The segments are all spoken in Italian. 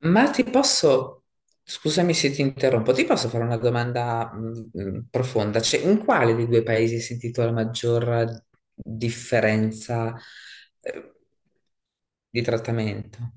Ma ti posso, scusami se ti interrompo, ti posso fare una domanda profonda? Cioè, in quale dei due paesi hai sentito la maggior differenza eh, di trattamento?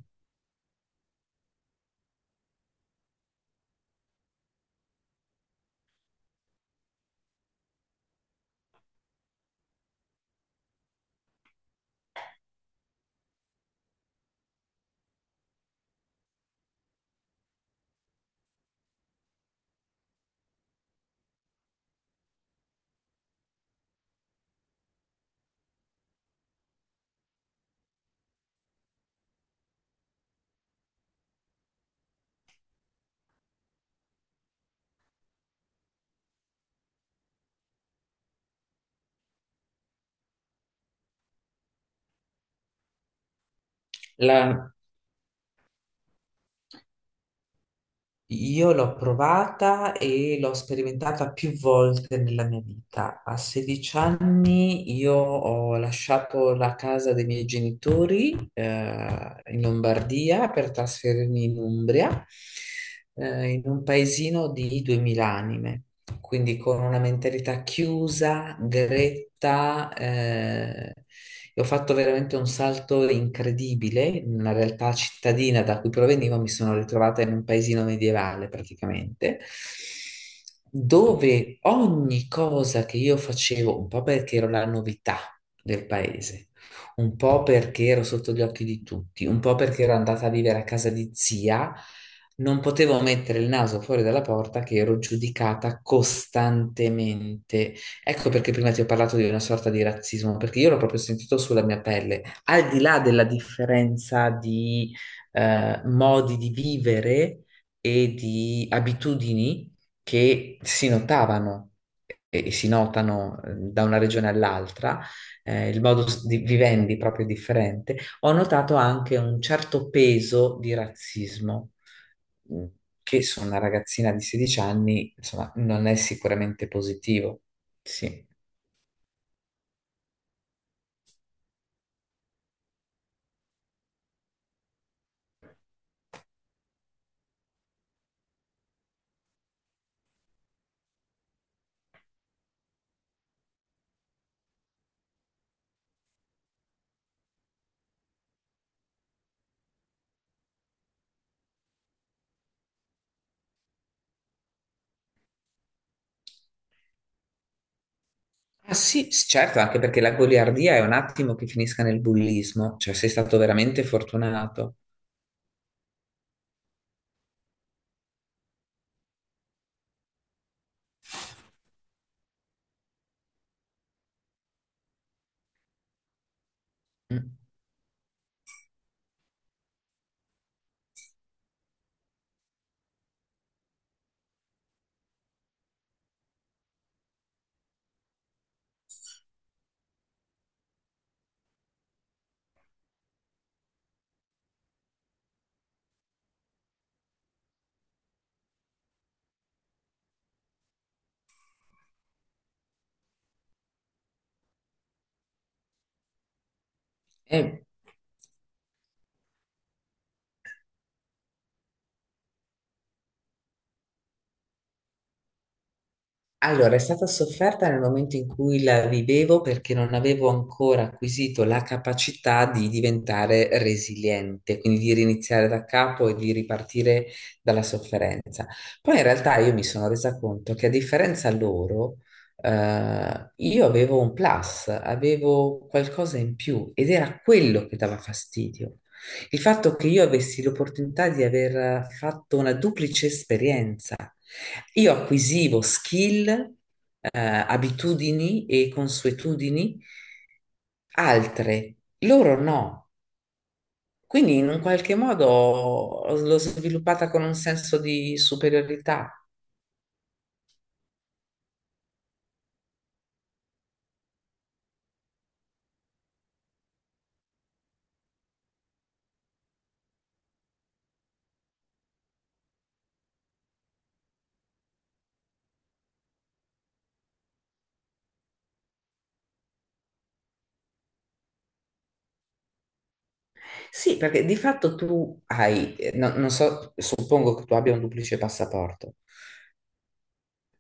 La Io l'ho provata e l'ho sperimentata più volte nella mia vita. A 16 anni io ho lasciato la casa dei miei genitori in Lombardia per trasferirmi in Umbria, in un paesino di 2000 anime, quindi con una mentalità chiusa, gretta. E ho fatto veramente un salto incredibile. In una realtà cittadina, da cui provenivo, mi sono ritrovata in un paesino medievale praticamente, dove ogni cosa che io facevo, un po' perché ero la novità del paese, un po' perché ero sotto gli occhi di tutti, un po' perché ero andata a vivere a casa di zia, non potevo mettere il naso fuori dalla porta che ero giudicata costantemente. Ecco perché prima ti ho parlato di una sorta di razzismo, perché io l'ho proprio sentito sulla mia pelle. Al di là della differenza di modi di vivere e di abitudini che si notavano e si notano, da una regione all'altra, il modo di vivendi proprio è differente. Ho notato anche un certo peso di razzismo, mh, che su una ragazzina di 16 anni, insomma, non è sicuramente positivo. Sì. Ah, sì, certo, anche perché la goliardia è un attimo che finisca nel bullismo, cioè sei stato veramente fortunato. Mm. Eh, Allora, è stata sofferta nel momento in cui la vivevo, perché non avevo ancora acquisito la capacità di diventare resiliente, quindi di riniziare da capo e di ripartire dalla sofferenza. Poi in realtà io mi sono resa conto che, a differenza loro, io avevo un plus, avevo qualcosa in più, ed era quello che dava fastidio. Il fatto che io avessi l'opportunità di aver fatto una duplice esperienza. Io acquisivo skill, abitudini e consuetudini altre, loro no. Quindi in un qualche modo l'ho sviluppata con un senso di superiorità. Sì, perché di fatto tu hai, non so, suppongo che tu abbia un duplice passaporto.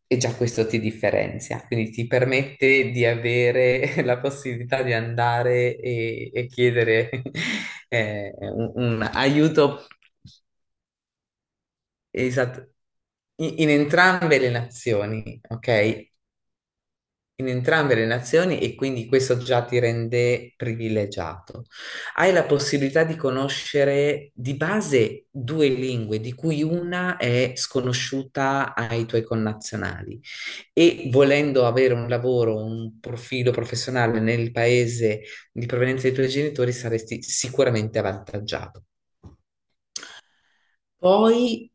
E già questo ti differenzia, quindi ti permette di avere la possibilità di andare e chiedere un aiuto. Esatto. In entrambe le nazioni, ok? In entrambe le nazioni, e quindi questo già ti rende privilegiato. Hai la possibilità di conoscere di base due lingue, di cui una è sconosciuta ai tuoi connazionali, e volendo avere un lavoro, un profilo professionale nel paese di provenienza dei tuoi genitori, saresti sicuramente avvantaggiato. Poi,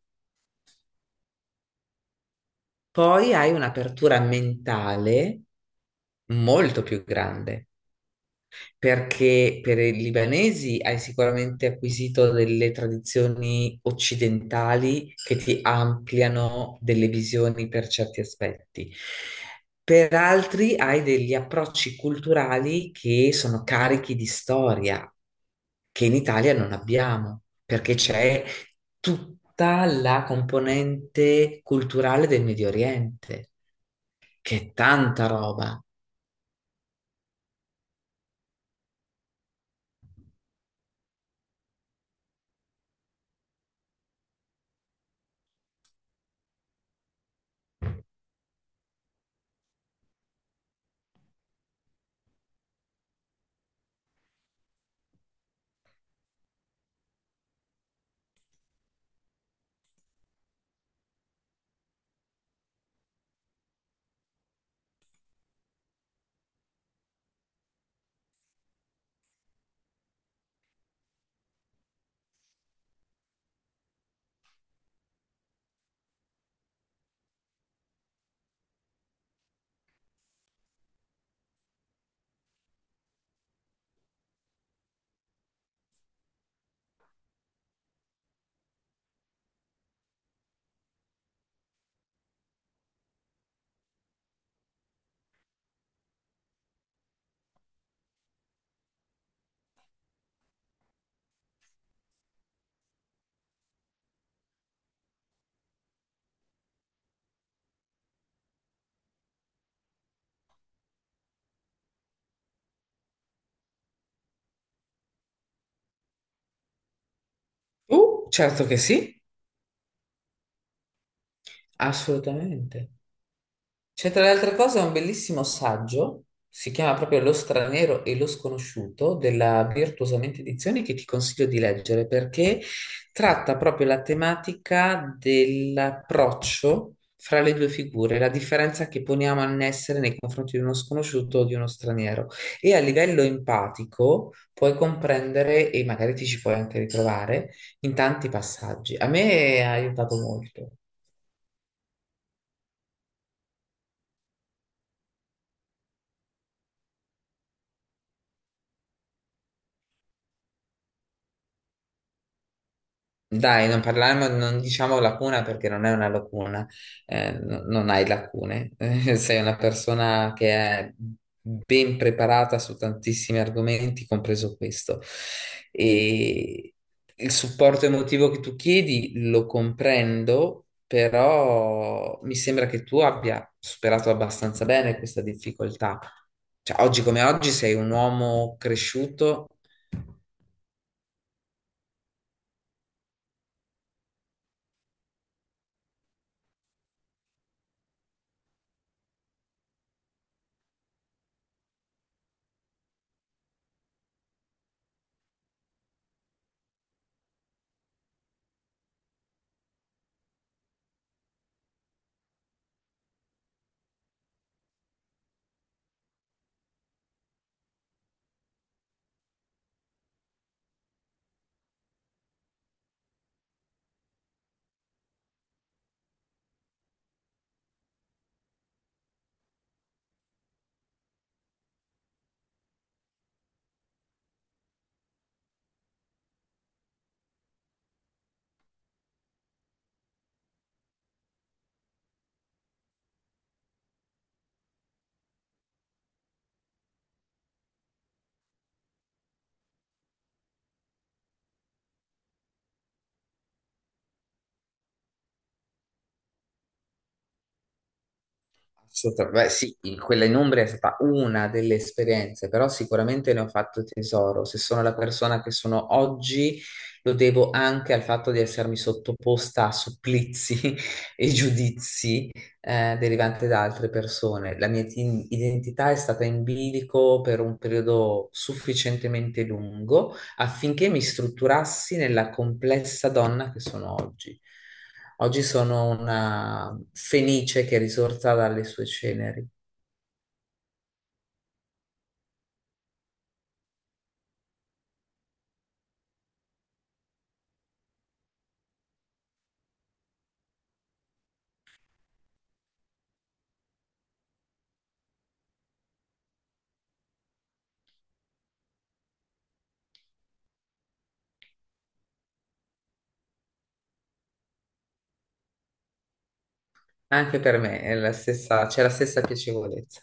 poi hai un'apertura mentale molto più grande. Perché per i libanesi hai sicuramente acquisito delle tradizioni occidentali che ti ampliano delle visioni per certi aspetti. Per altri hai degli approcci culturali che sono carichi di storia, che in Italia non abbiamo, perché c'è tutta la componente culturale del Medio Oriente, che è tanta roba. Certo che sì, assolutamente. C'è, tra le altre cose, un bellissimo saggio, si chiama proprio Lo Straniero e lo Sconosciuto, della Virtuosamente Edizioni, che ti consiglio di leggere, perché tratta proprio la tematica dell'approccio fra le due figure, la differenza che poniamo a essere nei confronti di uno sconosciuto o di uno straniero. E a livello empatico puoi comprendere, e magari ti ci puoi anche ritrovare, in tanti passaggi. A me ha aiutato molto. Dai, non parliamo, non diciamo lacuna, perché non è una lacuna, non hai lacune, sei una persona che è ben preparata su tantissimi argomenti, compreso questo. E il supporto emotivo che tu chiedi lo comprendo, però mi sembra che tu abbia superato abbastanza bene questa difficoltà. Cioè, oggi come oggi sei un uomo cresciuto. Assolutamente. Beh, sì, quella in Umbria è stata una delle esperienze, però sicuramente ne ho fatto tesoro. Se sono la persona che sono oggi, lo devo anche al fatto di essermi sottoposta a supplizi e giudizi derivanti da altre persone. La mia identità è stata in bilico per un periodo sufficientemente lungo affinché mi strutturassi nella complessa donna che sono oggi. Oggi sono una fenice che è risorta dalle sue ceneri. Anche per me è la stessa, c'è la stessa piacevolezza.